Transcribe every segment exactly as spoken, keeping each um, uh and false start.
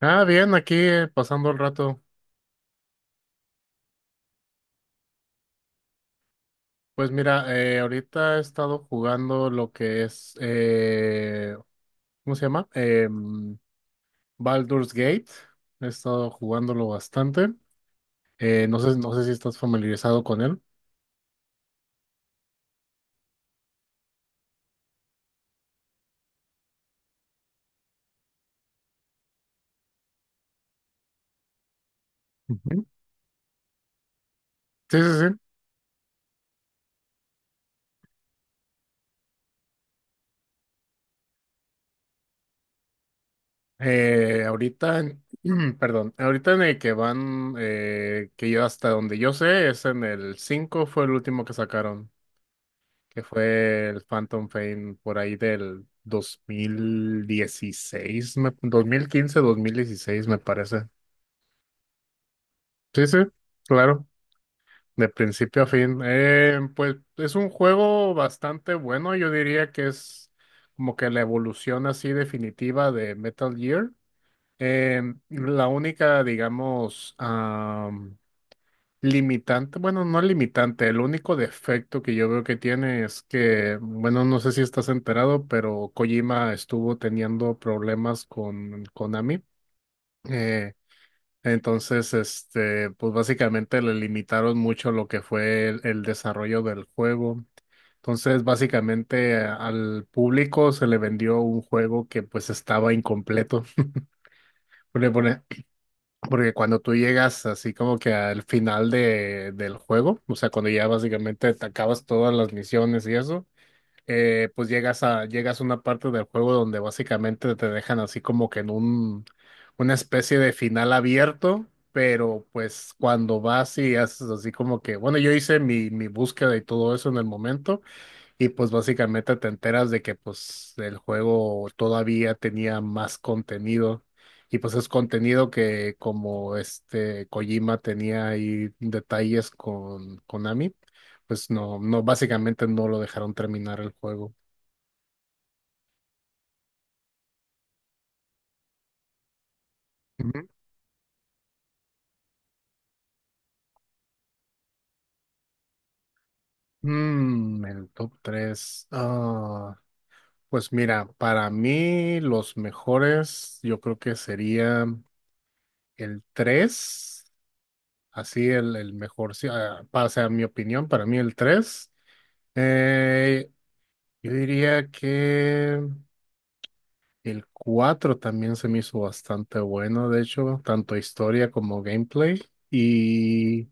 Ah, bien, aquí eh, pasando el rato. Pues mira, eh, ahorita he estado jugando lo que es, eh, ¿cómo se llama? Em, Baldur's Gate. He estado jugándolo bastante. Eh, no sé, no sé si estás familiarizado con él. Ujú. Sí, sí, sí. Eh, ahorita, en- perdón, ahorita en el que van, eh, que yo hasta donde yo sé, es en el cinco. Fue el último que sacaron, que fue el Phantom Pain por ahí del dos mil dieciséis, me- dos mil quince, dos mil dieciséis me parece. Sí, sí, claro, de principio a fin. Eh, pues es un juego bastante bueno, yo diría que es como que la evolución así definitiva de Metal Gear. Eh, la única, digamos, limitante, bueno, no limitante, el único defecto que yo veo que tiene es que, bueno, no sé si estás enterado, pero Kojima estuvo teniendo problemas con Konami. Eh, entonces, este, pues básicamente le limitaron mucho lo que fue el, el desarrollo del juego. Entonces, básicamente a- al público se le vendió un juego que pues estaba incompleto. Porque, por e- porque cuando tú llegas así como que al final de, del juego, o sea, cuando ya básicamente te acabas todas las misiones y eso, eh, pues llegas a, llegas a una parte del juego donde básicamente te dejan así como que en un, una especie de final abierto, pero pues cuando vas y haces así como que, bueno, yo hice mi, mi búsqueda y todo eso en el momento, y pues básicamente te enteras de que pues el juego todavía tenía más contenido y pues es contenido que como este Kojima tenía ahí detalles con Konami, pues no, no, básicamente no lo dejaron terminar el juego. Ujú. Mm, el top tres. Ah, pues mira, para mí los mejores yo creo que sería el tres. Así el, el mejor, sí, ah, pa- o sea, mi opinión, para mí el tres. Eh, yo diría que el cuatro también se me hizo bastante bueno, de hecho, tanto historia como gameplay. Y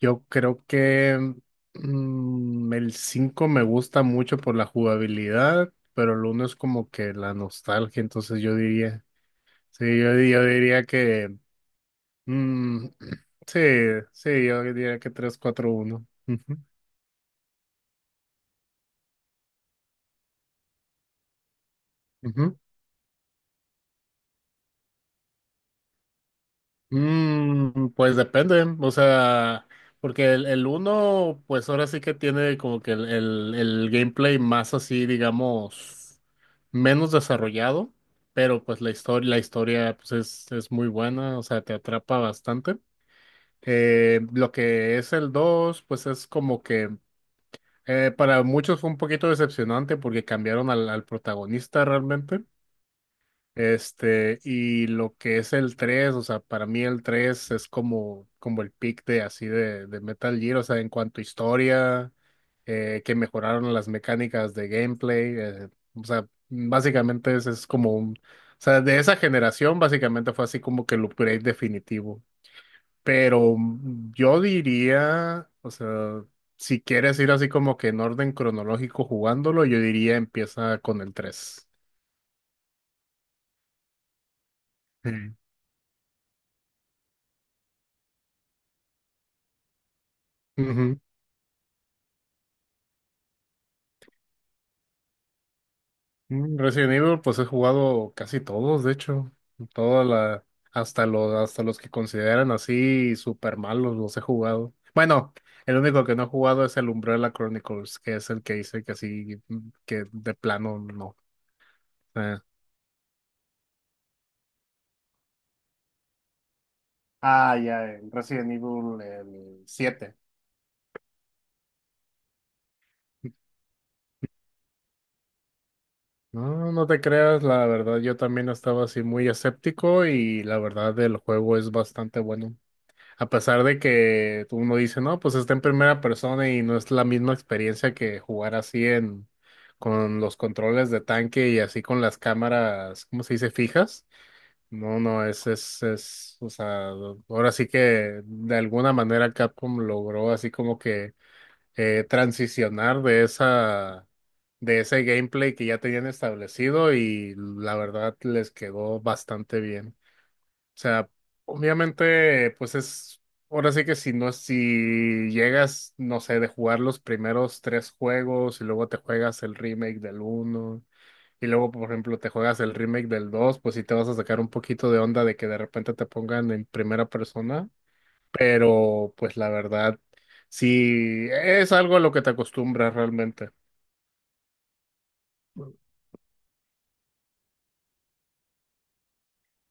yo creo que mm, el cinco me gusta mucho por la jugabilidad, pero el uno es como que la nostalgia, entonces yo diría, sí, yo, di- yo diría que... mm, sí, sí, yo diría que tres cuatro uno. Ujú. Mm, pues depende, o sea, porque el, el uno, pues ahora sí que tiene como que el, el, el gameplay más así, digamos, menos desarrollado, pero pues la historia, la historia pues es, es muy buena, o sea, te atrapa bastante. Eh, lo que es el dos pues es como que eh, para muchos fue un poquito decepcionante porque cambiaron al, al protagonista realmente. Este, y lo que es el tres, o sea, para mí el tres es como, como el pick de así de, de Metal Gear, o sea, en cuanto a historia, eh, que mejoraron las mecánicas de gameplay, eh, o sea, básicamente es, es como un, o sea, de esa generación básicamente fue así como que el upgrade definitivo. Pero mm, yo diría, o sea, si quieres ir así como que en orden cronológico jugándolo, yo diría empieza con el tres. Mm, Resident Evil, pues he jugado casi todos, de hecho, toda la, hasta los, hasta los que consideran así super malos los he jugado. Bueno, el único que no he jugado es el Umbrella Chronicles, que es el que hice que así, mm, que de plano no. Eh, ah, ya, el Resident Evil el siete. No, no te creas, la verdad, yo también estaba así muy escéptico y la verdad el juego es bastante bueno. A pesar de que uno dice, no, pues está en primera persona y no es la misma experiencia que jugar así en con los controles de tanque y así con las cámaras, ¿cómo se dice? Fijas. No, no, es, es, es, o sea, ahora sí que de alguna manera Capcom logró así como que eh, transicionar de esa, de ese gameplay que ya tenían establecido y la verdad les quedó bastante bien. O sea, obviamente, pues es, ahora sí que si no, si llegas, no sé, de jugar los primeros tres juegos y luego te juegas el remake del uno y luego, por ejemplo, te juegas el remake del dos, pues sí te vas a sacar un poquito de onda de que de repente te pongan en primera persona, pero pues la verdad, sí es algo a lo que te acostumbras realmente.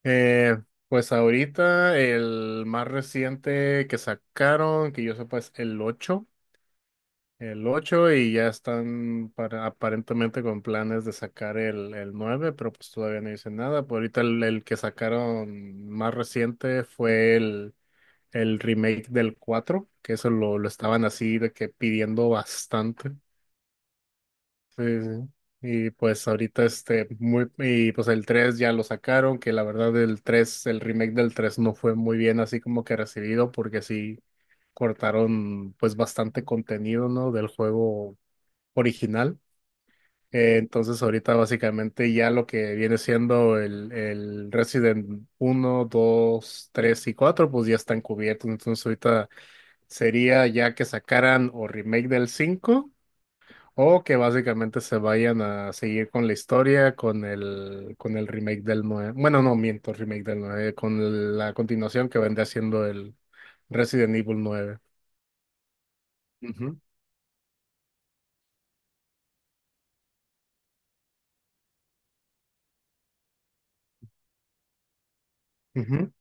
Eh, pues ahorita el más reciente que sacaron, que yo sepa, es el ocho el ocho y ya están para, aparentemente con planes de sacar el, el nueve, pero pues todavía no dicen nada. Por ahorita el, el que sacaron más reciente fue el, el remake del cuatro que eso lo, lo estaban así de que pidiendo bastante. Sí, sí. Sí. Y pues ahorita este, muy, y pues el tres ya lo sacaron, que la verdad el tres el remake del tres no fue muy bien así como que recibido porque sí cortaron pues bastante contenido, ¿no? Del juego original. Eh, entonces ahorita básicamente ya lo que viene siendo el, el Resident uno dos tres y cuatro pues ya están cubiertos. Entonces ahorita sería ya que sacaran o remake del cinco o que básicamente se vayan a seguir con la historia, con el, con el remake del nueve. Bueno, no miento, remake del nueve con la continuación que vendría siendo el Resident Evil nueve. Ujú, ujú.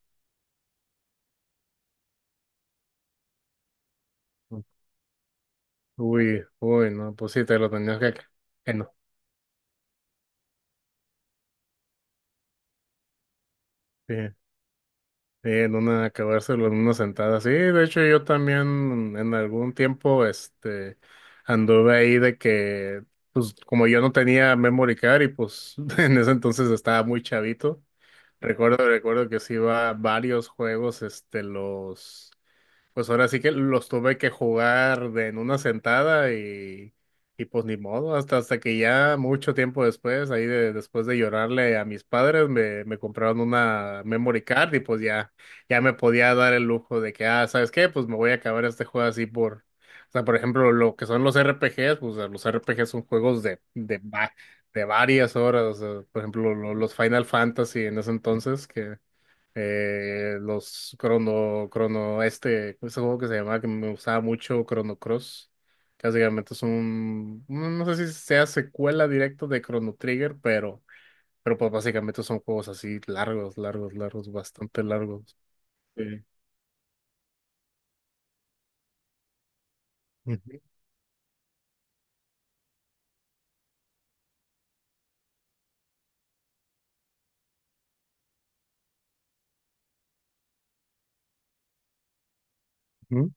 Uy, uy, no, pues sí, te lo tenías que... que no. Sí. Sí, en una, acabárselo en una sentada. Sí, de hecho yo también en algún tiempo, este, anduve ahí de que, pues como yo no tenía memory card y pues en ese entonces estaba muy chavito, recuerdo, recuerdo que sí iba a varios juegos, este, los, pues ahora sí que los tuve que jugar de en una sentada y, y pues ni modo, hasta, hasta que ya mucho tiempo después, ahí de, después de llorarle a mis padres, me, me compraron una memory card y pues ya, ya me podía dar el lujo de que, ah, ¿sabes qué? Pues me voy a acabar este juego así por, o sea, por ejemplo, lo que son los R P Gs, pues los R P Gs son juegos de, de, va- de varias horas, o sea, por ejemplo, lo- los Final Fantasy en ese entonces, que eh, los Chrono, Chrono, este, ese juego que se llamaba, que me gustaba mucho, Chrono Cross, que básicamente es un, no no sé si sea secuela directa de Chrono Trigger, pero, pero pues básicamente son juegos así largos, largos, largos, bastante largos. Sí. Ujú, ujú,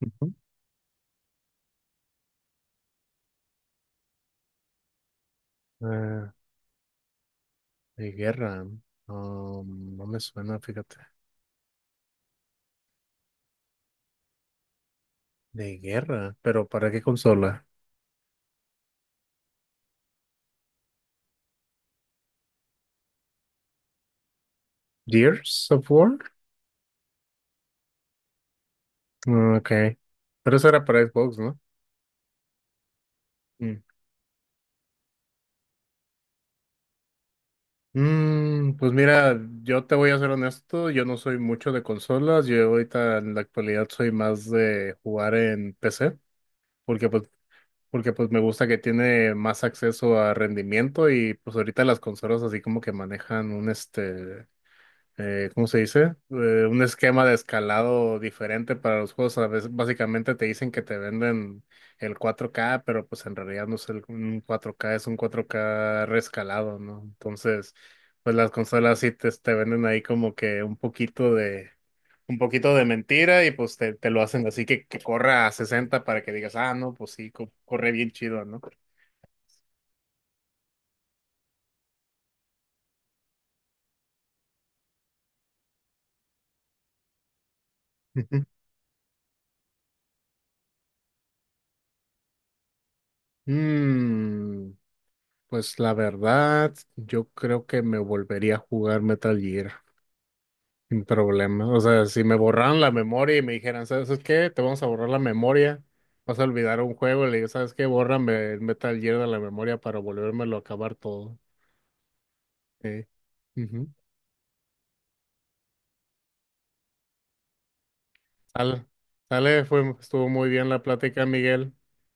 ujú. Ah, de guerra, um, no me suena, fíjate, de guerra, pero ¿para qué consola? Gears of War? Ah, ok, pero eso era para Xbox, ¿no? Mm, pues mira, yo te voy a ser honesto, yo no soy mucho de consolas, yo ahorita en la actualidad soy más de jugar en P C, porque pues, porque pues me gusta que tiene más acceso a rendimiento y pues ahorita las consolas así como que manejan un este eh, ¿cómo se dice? Eh, un esquema de escalado diferente para los juegos. A veces básicamente te dicen que te venden el cuatro k pero pues en realidad no es el, un cuatro k, es un cuatro k reescalado, ¿no? Entonces, pues las consolas sí te, te venden ahí como que un poquito de, un poquito de mentira y pues te, te lo hacen así que, que corra a sesenta para que digas, ah, no, pues sí, co- corre bien chido, ¿no? Ujú. Mm, pues la verdad, yo creo que me volvería a jugar Metal Gear. Sin problema. O sea, si me borraran la memoria y me dijeran, ¿sabes qué? Te vamos a borrar la memoria. Vas a olvidar un juego. Le digo, ¿sabes qué? Bórrame el Metal Gear de la memoria para volvérmelo a acabar todo. Sí. Ujú. Sale. Sale, fue, estuvo muy bien la plática, Miguel.